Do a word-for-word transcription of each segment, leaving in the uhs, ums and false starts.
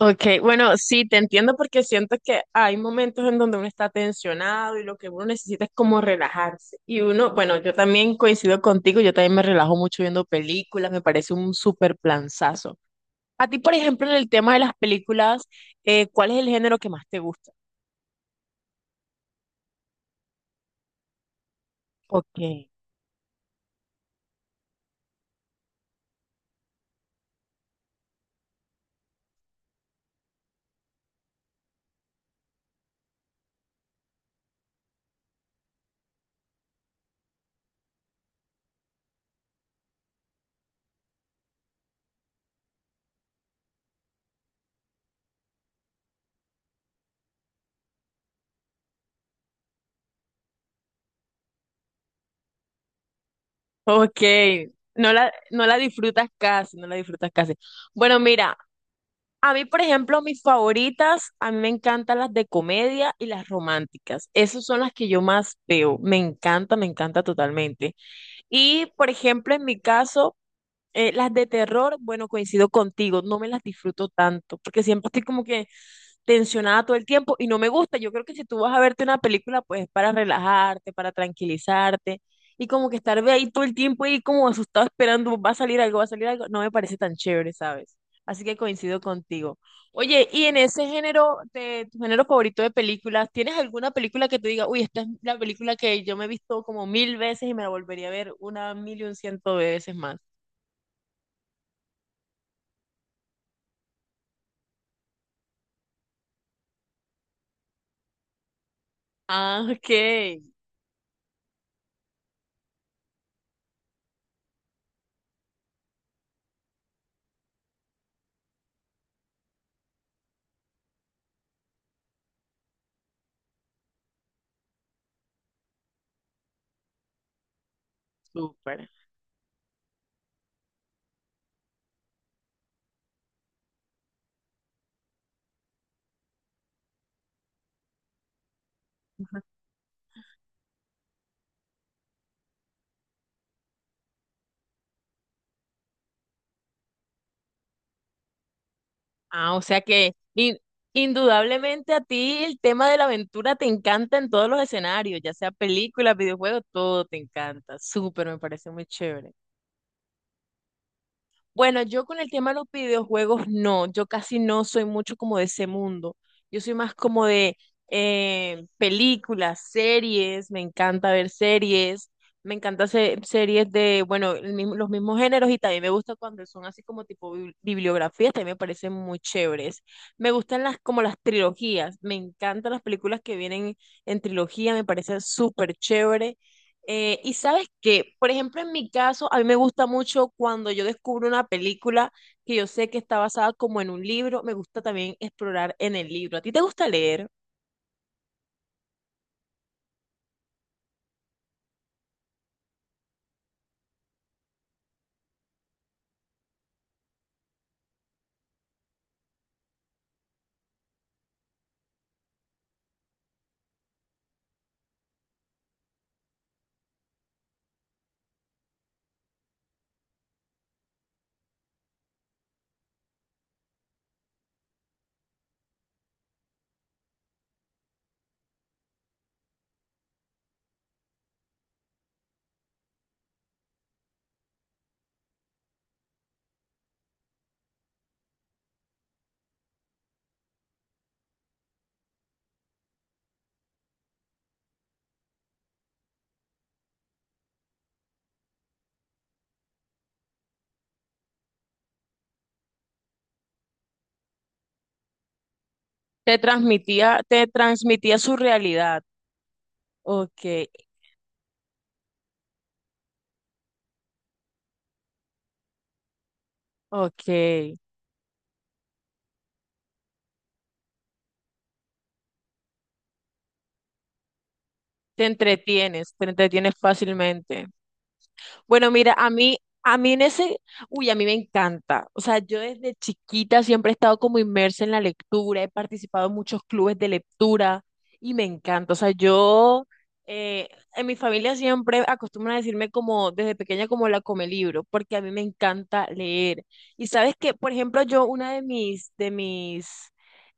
Ok, bueno, sí, te entiendo porque siento que hay momentos en donde uno está tensionado y lo que uno necesita es como relajarse. Y uno, bueno, yo también coincido contigo, yo también me relajo mucho viendo películas, me parece un súper planzazo. A ti, por ejemplo, en el tema de las películas, eh, ¿cuál es el género que más te gusta? Okay, okay, no la, no la disfrutas casi, no la disfrutas casi. Bueno, mira, a mí, por ejemplo, mis favoritas, a mí me encantan las de comedia y las románticas. Esas son las que yo más veo. Me encanta, me encanta totalmente. Y, por ejemplo, en mi caso, eh, las de terror, bueno, coincido contigo, no me las disfruto tanto, porque siempre estoy como que tensionada todo el tiempo y no me gusta. Yo creo que si tú vas a verte una película, pues es para relajarte, para tranquilizarte y como que estar de ahí todo el tiempo y como asustado esperando, va a salir algo, va a salir algo, no me parece tan chévere, ¿sabes? Así que coincido contigo. Oye, y en ese género, de tu género favorito de películas, ¿tienes alguna película que te diga, uy, esta es la película que yo me he visto como mil veces y me la volvería a ver una mil y un ciento veces más? Ah, ok, súper. Ah, o sea que in- indudablemente a ti el tema de la aventura te encanta en todos los escenarios, ya sea películas, videojuegos, todo te encanta. Súper, me parece muy chévere. Bueno, yo con el tema de los videojuegos no, yo casi no soy mucho como de ese mundo. Yo soy más como de eh, películas, series, me encanta ver series, me encanta se- series de, bueno, el mismo- los mismos géneros y también me gusta cuando son así como tipo bibli- bibliografías, también me parecen muy chéveres. Me gustan las como las trilogías, me encantan las películas que vienen en trilogía, me parecen súper chévere. Eh, y sabes que, por ejemplo, en mi caso, a mí me gusta mucho cuando yo descubro una película que yo sé que está basada como en un libro, me gusta también explorar en el libro. ¿A ti te gusta leer? Te transmitía, te transmitía su realidad. Ok, ok. Te entretienes, te entretienes fácilmente. Bueno, mira, a mí, a mí en ese, uy, a mí me encanta. O sea, yo desde chiquita siempre he estado como inmersa en la lectura, he participado en muchos clubes de lectura y me encanta. O sea, yo, eh, en mi familia siempre acostumbran a decirme como desde pequeña como la come libro, porque a mí me encanta leer. Y sabes que, por ejemplo, yo una de mis, de mis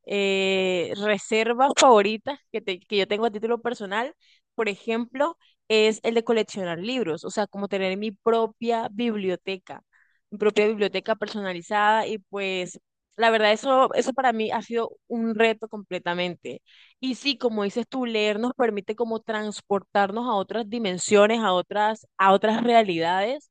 eh, reservas favoritas que, te- que yo tengo a título personal, por ejemplo, es el de coleccionar libros, o sea, como tener mi propia biblioteca, mi propia biblioteca personalizada y pues la verdad eso, eso para mí ha sido un reto completamente. Y sí, como dices tú, leer nos permite como transportarnos a otras dimensiones, a otras, a otras realidades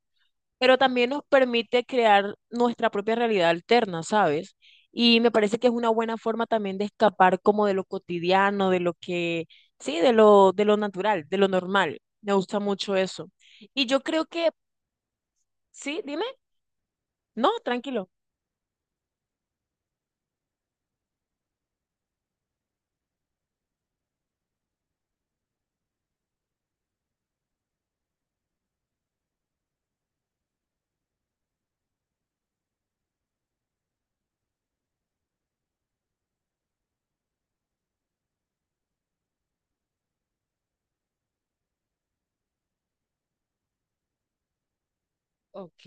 pero también nos permite crear nuestra propia realidad alterna, ¿sabes? Y me parece que es una buena forma también de escapar como de lo cotidiano, de lo que, sí, de lo, de lo natural, de lo normal. Me gusta mucho eso. Y yo creo que, sí, dime, no, tranquilo. Ok,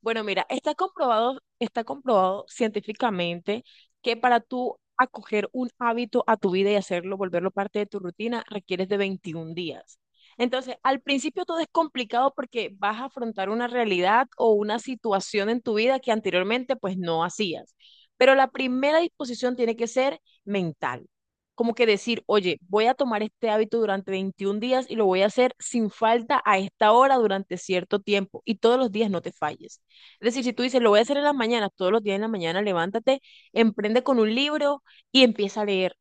bueno, mira, está comprobado, está comprobado científicamente que para tú acoger un hábito a tu vida y hacerlo, volverlo parte de tu rutina, requieres de veintiún días. Entonces, al principio todo es complicado porque vas a afrontar una realidad o una situación en tu vida que anteriormente pues no hacías. Pero la primera disposición tiene que ser mental como que decir, oye, voy a tomar este hábito durante veintiún días y lo voy a hacer sin falta a esta hora durante cierto tiempo y todos los días no te falles. Es decir, si tú dices, lo voy a hacer en las mañanas, todos los días en la mañana levántate, emprende con un libro y empieza a leer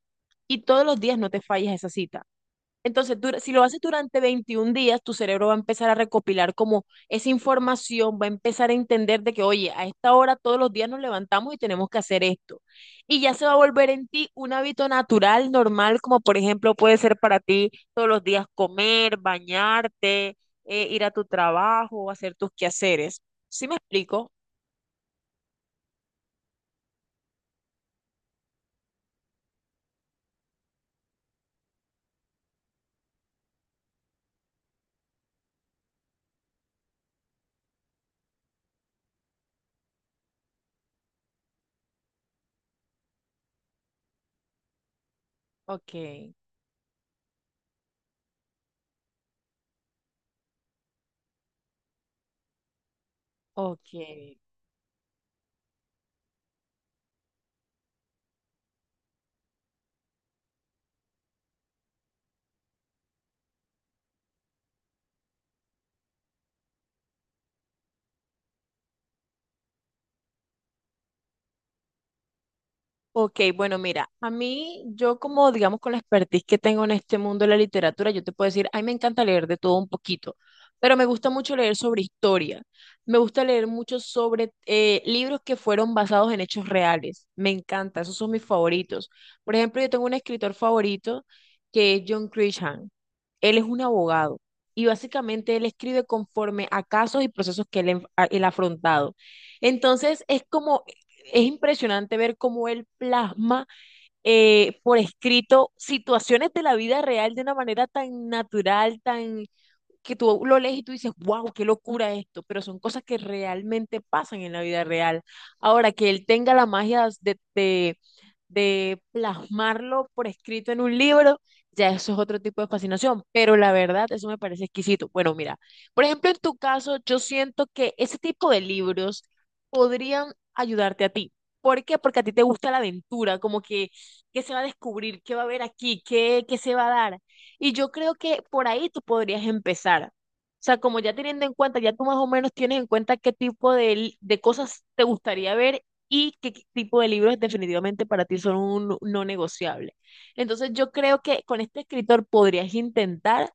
y todos los días no te falles a esa cita. Entonces, dura- si lo haces durante veintiún días, tu cerebro va a empezar a recopilar como esa información, va a empezar a entender de que, oye, a esta hora todos los días nos levantamos y tenemos que hacer esto. Y ya se va a volver en ti un hábito natural, normal, como por ejemplo puede ser para ti todos los días comer, bañarte, eh, ir a tu trabajo, hacer tus quehaceres. ¿Sí me explico? Ok, ok. Ok, bueno, mira, a mí, yo como, digamos, con la expertise que tengo en este mundo de la literatura, yo te puedo decir, ay, me encanta leer de todo un poquito, pero me gusta mucho leer sobre historia, me gusta leer mucho sobre eh, libros que fueron basados en hechos reales, me encanta, esos son mis favoritos. Por ejemplo, yo tengo un escritor favorito que es John Grisham, él es un abogado y básicamente él escribe conforme a casos y procesos que él, enf- a- él ha afrontado. Entonces, es como es impresionante ver cómo él plasma eh, por escrito situaciones de la vida real de una manera tan natural, tan que tú lo lees y tú dices, wow, qué locura esto, pero son cosas que realmente pasan en la vida real. Ahora, que él tenga la magia de, de de plasmarlo por escrito en un libro, ya eso es otro tipo de fascinación, pero la verdad, eso me parece exquisito. Bueno, mira, por ejemplo, en tu caso, yo siento que ese tipo de libros podrían ayudarte a ti. ¿Por qué? Porque a ti te gusta la aventura, como que qué se va a descubrir, qué va a haber aquí, qué, qué se va a dar. Y yo creo que por ahí tú podrías empezar. O sea, como ya teniendo en cuenta, ya tú más o menos tienes en cuenta qué tipo de, li- de cosas te gustaría ver y qué tipo de libros definitivamente para ti son un no negociable. Entonces yo creo que con este escritor podrías intentar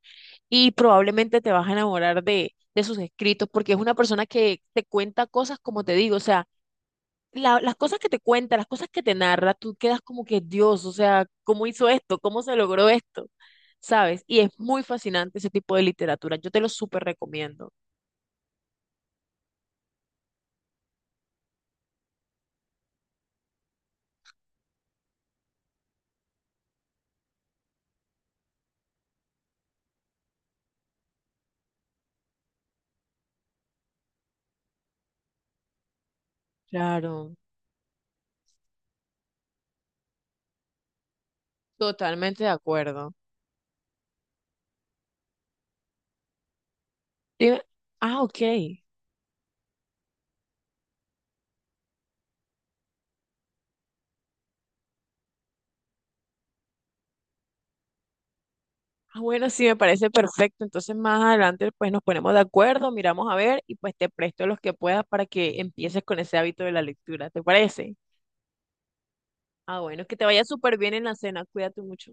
y probablemente te vas a enamorar de, de sus escritos porque es una persona que te cuenta cosas como te digo, o sea, la- las cosas que te cuenta, las cosas que te narra, tú quedas como que Dios, o sea, ¿cómo hizo esto? ¿Cómo se logró esto? ¿Sabes? Y es muy fascinante ese tipo de literatura. Yo te lo súper recomiendo. Claro, totalmente de acuerdo. Dime- Ah, ok. Ah, bueno, sí, me parece perfecto. Entonces más adelante pues nos ponemos de acuerdo, miramos a ver y pues te presto los que puedas para que empieces con ese hábito de la lectura. ¿Te parece? Ah, bueno, que te vaya súper bien en la cena. Cuídate mucho.